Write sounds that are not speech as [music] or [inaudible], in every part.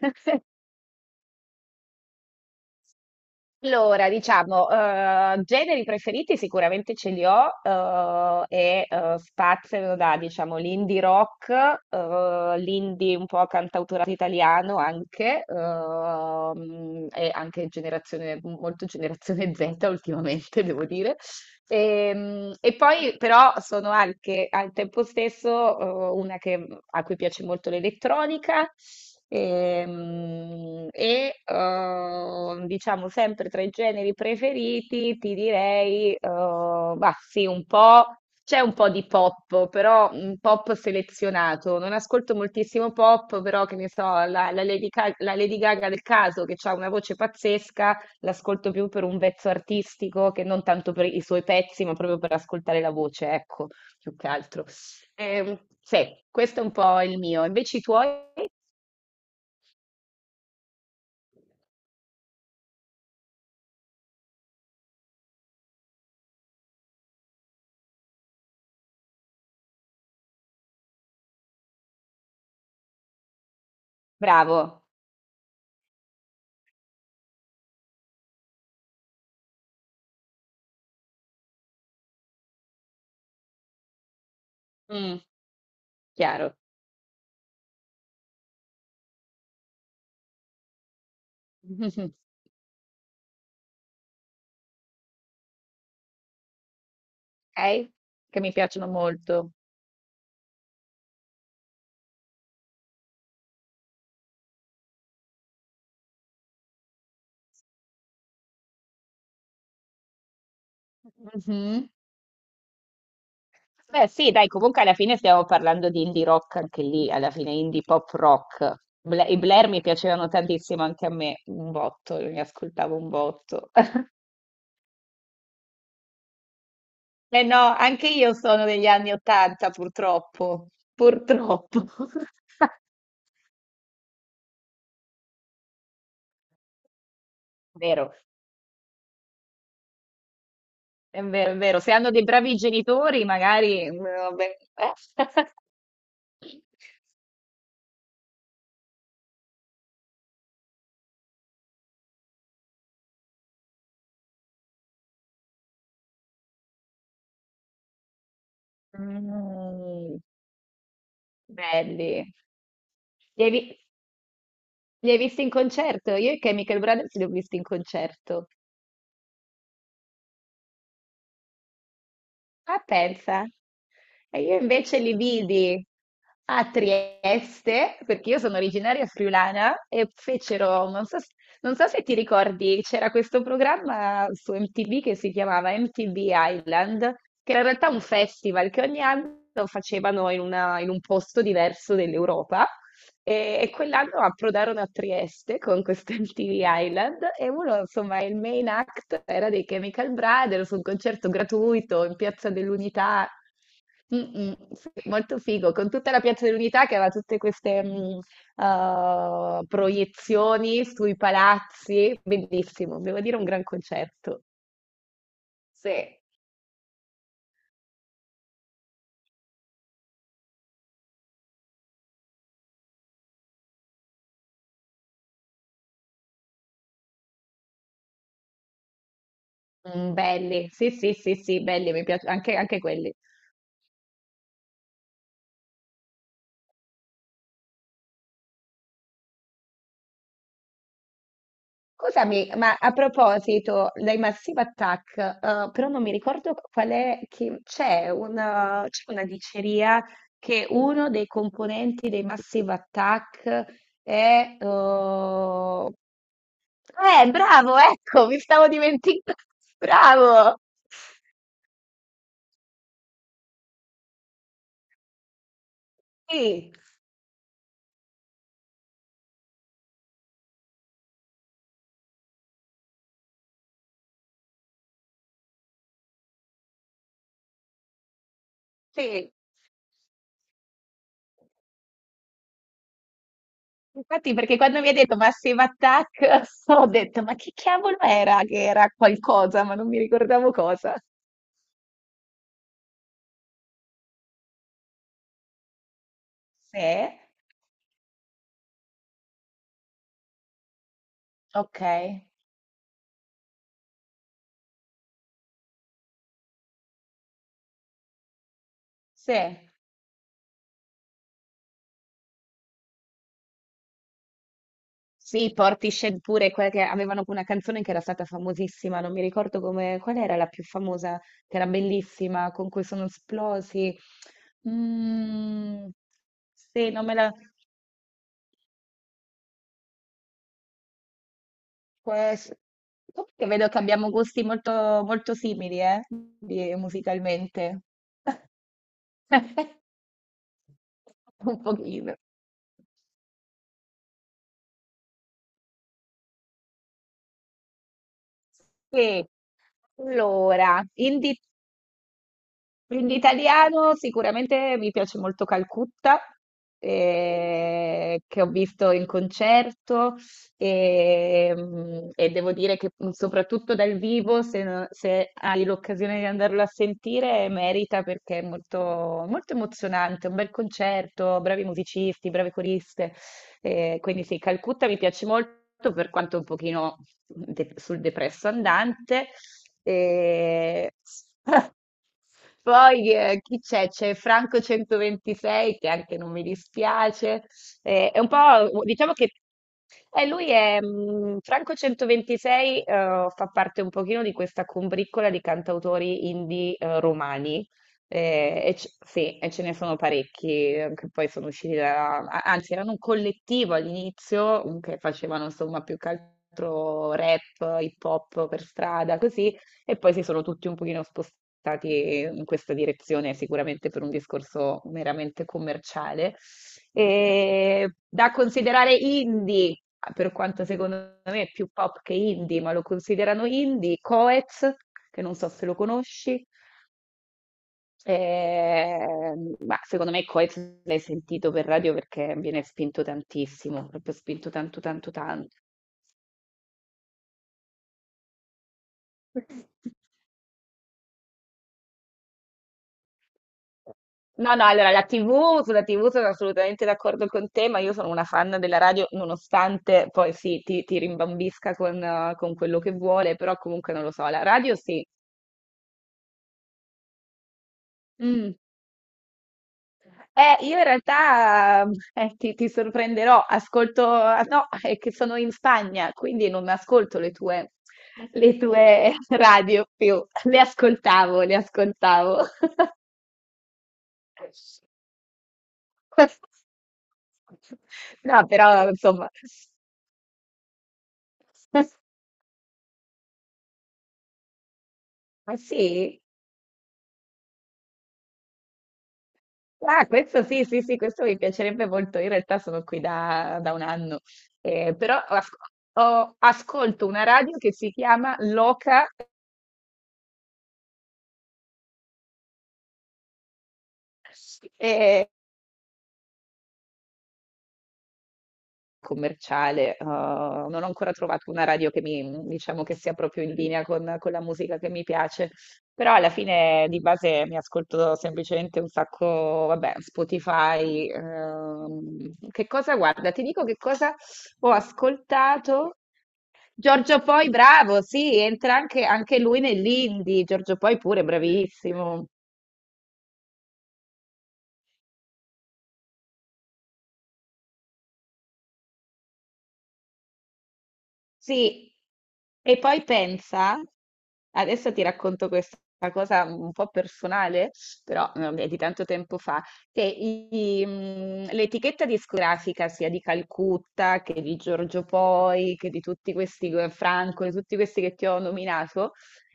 [laughs] Allora, diciamo, generi preferiti sicuramente ce li ho spaziano da, diciamo, l'indie rock, l'indie un po' cantautorato italiano anche, e anche generazione, molto generazione [laughs] Z ultimamente, devo dire. E poi però sono anche al tempo stesso a cui piace molto l'elettronica, diciamo sempre tra i generi preferiti ti direi, sì, un po', c'è un po' di pop, però un pop selezionato. Non ascolto moltissimo pop, però che ne so, la la Lady Gaga del caso, che ha una voce pazzesca, l'ascolto più per un pezzo artistico che non tanto per i suoi pezzi, ma proprio per ascoltare la voce, ecco, più che altro. Sì, questo è un po' il mio. Invece i tuoi? Bravo. Mm, chiaro. [laughs] Ok? Che mi piacciono molto. Mhm. Beh, sì, dai, comunque alla fine stiamo parlando di indie rock anche lì, alla fine indie pop rock. I Blair mi piacevano tantissimo anche a me, un botto, li ascoltavo un botto. [laughs] Eh no, anche io sono degli anni Ottanta, purtroppo. Purtroppo. [laughs] Vero, è vero, è vero. Se hanno dei bravi genitori, magari... vabbè. [laughs] Mm, belli. Li hai, vi- Li hai visti in concerto? Io e Chemical Brothers li ho visti in concerto. Ah, pensa. E io invece li vidi a Trieste, perché io sono originaria friulana, e fecero, non so, non so se ti ricordi, c'era questo programma su MTV che si chiamava MTV Island, che era in realtà un festival che ogni anno facevano in un posto diverso dell'Europa. E quell'anno approdarono a Trieste con questo [laughs] MTV Island e uno, insomma, il main act era dei Chemical Brothers, un concerto gratuito in Piazza dell'Unità. Mm, mm, sì, molto figo, con tutta la Piazza dell'Unità che aveva tutte queste proiezioni sui palazzi, bellissimo, devo dire un gran concerto. Sì. Mm, belli, sì, sì, sì, sì, belli, mi piace anche, anche quelli. Scusami, ma a proposito dei Massive Attack, però non mi ricordo qual è, che c'è una diceria che uno dei componenti dei Massive Attack è... bravo, ecco, mi stavo dimenticando. [laughs] Bravo! Sì, sì. Infatti, perché quando mi ha detto Massive Attack, [laughs] ho detto, ma che cavolo era? Che era qualcosa, ma non mi ricordavo cosa. Sì. Ok, sì, sì, Portishead pure, quella che avevano una canzone che era stata famosissima, non mi ricordo come, qual era la più famosa, che era bellissima, con cui sono esplosi. Mm, sì, non me la... Quest... Comunque vedo che abbiamo gusti molto, molto simili, musicalmente. [laughs] Un pochino. Sì, allora, indie quindi italiano, sicuramente mi piace molto Calcutta, che ho visto in concerto e, e devo dire che soprattutto dal vivo, se hai l'occasione di andarlo a sentire, merita, perché è molto, molto emozionante, un bel concerto, bravi musicisti, brave coriste. Quindi sì, Calcutta mi piace molto, per quanto un pochino sul depresso andante. E... [laughs] Poi chi c'è? C'è Franco 126 che anche non mi dispiace. È un po', diciamo che lui è Franco 126, fa parte un pochino di questa combriccola di cantautori indie romani. E sì, e ce ne sono parecchi che poi sono usciti da, anzi, erano un collettivo all'inizio che facevano insomma più che altro rap, hip hop per strada, così. E poi si sono tutti un pochino spostati in questa direzione, sicuramente per un discorso meramente commerciale. E da considerare indie, per quanto secondo me è più pop che indie, ma lo considerano indie, Coez, che non so se lo conosci. Ma secondo me Coez l'hai sentito per radio, perché viene spinto tantissimo, proprio spinto tanto, tanto, tanto. [laughs] No, no, allora la TV, sulla TV sono assolutamente d'accordo con te, ma io sono una fan della radio, nonostante poi sì, ti rimbambisca con quello che vuole, però comunque non lo so, la radio sì. Mm. Io in realtà ti sorprenderò, ascolto, ah, no, è che sono in Spagna, quindi non mi ascolto le tue [laughs] radio più, le ascoltavo, le ascoltavo. [laughs] No, però insomma. Ah sì? Ah, questo sì, sì, sì, questo mi piacerebbe molto. Io in realtà sono qui da, da un anno. Però ascolto una radio che si chiama Loca, [laughs] eh, commerciale, non ho ancora trovato una radio che mi diciamo che sia proprio in linea con la musica che mi piace, però alla fine di base mi ascolto semplicemente un sacco, vabbè, Spotify, che cosa guarda, ti dico che cosa ho ascoltato. Giorgio Poi, bravo, sì, entra anche anche lui nell'indie, Giorgio Poi pure bravissimo. Sì, e poi pensa, adesso ti racconto questa cosa un po' personale, però vabbè, di tanto tempo fa, che l'etichetta discografica sia di Calcutta che di Giorgio Poi, che di tutti questi, Franco, di tutti questi che ti ho nominato,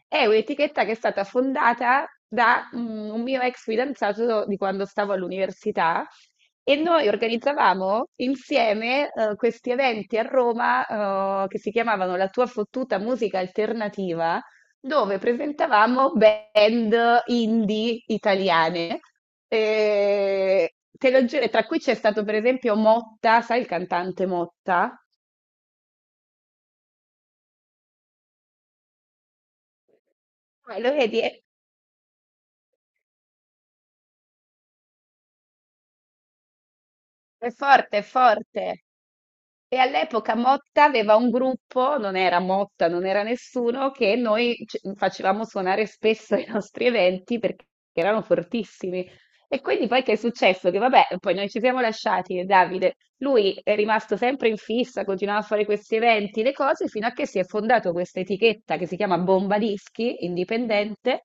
è un'etichetta che è stata fondata da un mio ex fidanzato di quando stavo all'università. E noi organizzavamo insieme questi eventi a Roma che si chiamavano La tua fottuta musica alternativa, dove presentavamo band indie italiane. E te lo giuro, tra cui c'è stato per esempio Motta, sai il cantante Motta? Lo vedi? È forte, è forte. E all'epoca Motta aveva un gruppo, non era Motta, non era nessuno, che facevamo suonare spesso ai nostri eventi perché erano fortissimi. E quindi poi che è successo? Che vabbè, poi noi ci siamo lasciati, e Davide, lui è rimasto sempre in fissa, continuava a fare questi eventi, le cose, fino a che si è fondato questa etichetta che si chiama Bomba Dischi, indipendente,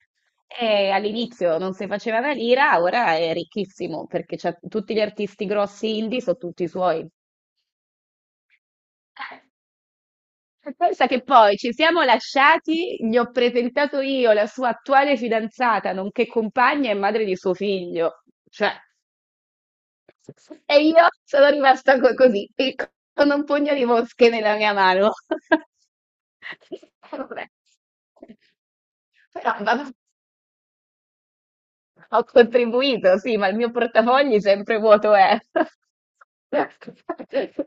e all'inizio non si faceva una lira, ora è ricchissimo perché c'ha tutti gli artisti grossi indie, sono tutti suoi. E pensa che poi ci siamo lasciati, gli ho presentato io la sua attuale fidanzata, nonché compagna e madre di suo figlio. Cioè, e io sono rimasta co- così, e con un pugno di mosche nella mia mano. [laughs] Vabbè. Però vabbè. Ho contribuito, sì, ma il mio portafogli sempre vuoto è. [laughs]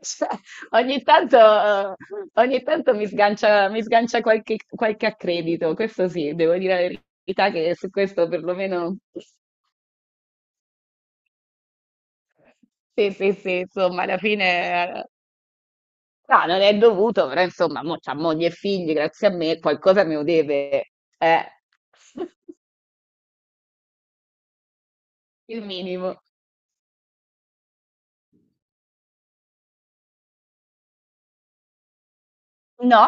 Cioè, ogni tanto, eh, ogni tanto mi sgancia qualche, qualche accredito, questo sì, devo dire la verità che su questo perlomeno... Sì, sì, sì, insomma, alla fine... no, non è dovuto, però insomma, mo c'ha moglie e figli, grazie a me, qualcosa me lo deve, eh. [laughs] Il minimo. No,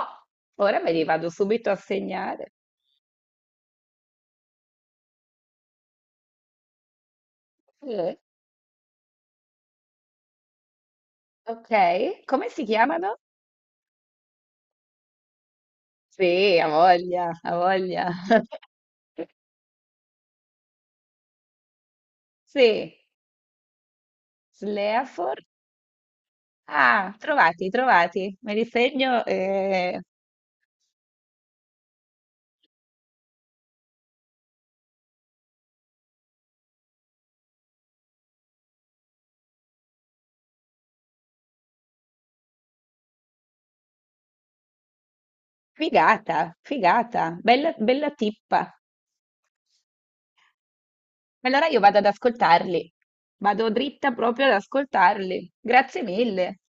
ora me li vado subito a segnare. Eh. Ok, come si chiamano? Sì, ha voglia, ha voglia. [laughs] Sì, Sleafor. Ah, trovati, trovati. Me li segno. Figata, figata, bella, bella tippa. Allora io vado ad ascoltarli. Vado dritta proprio ad ascoltarli. Grazie mille.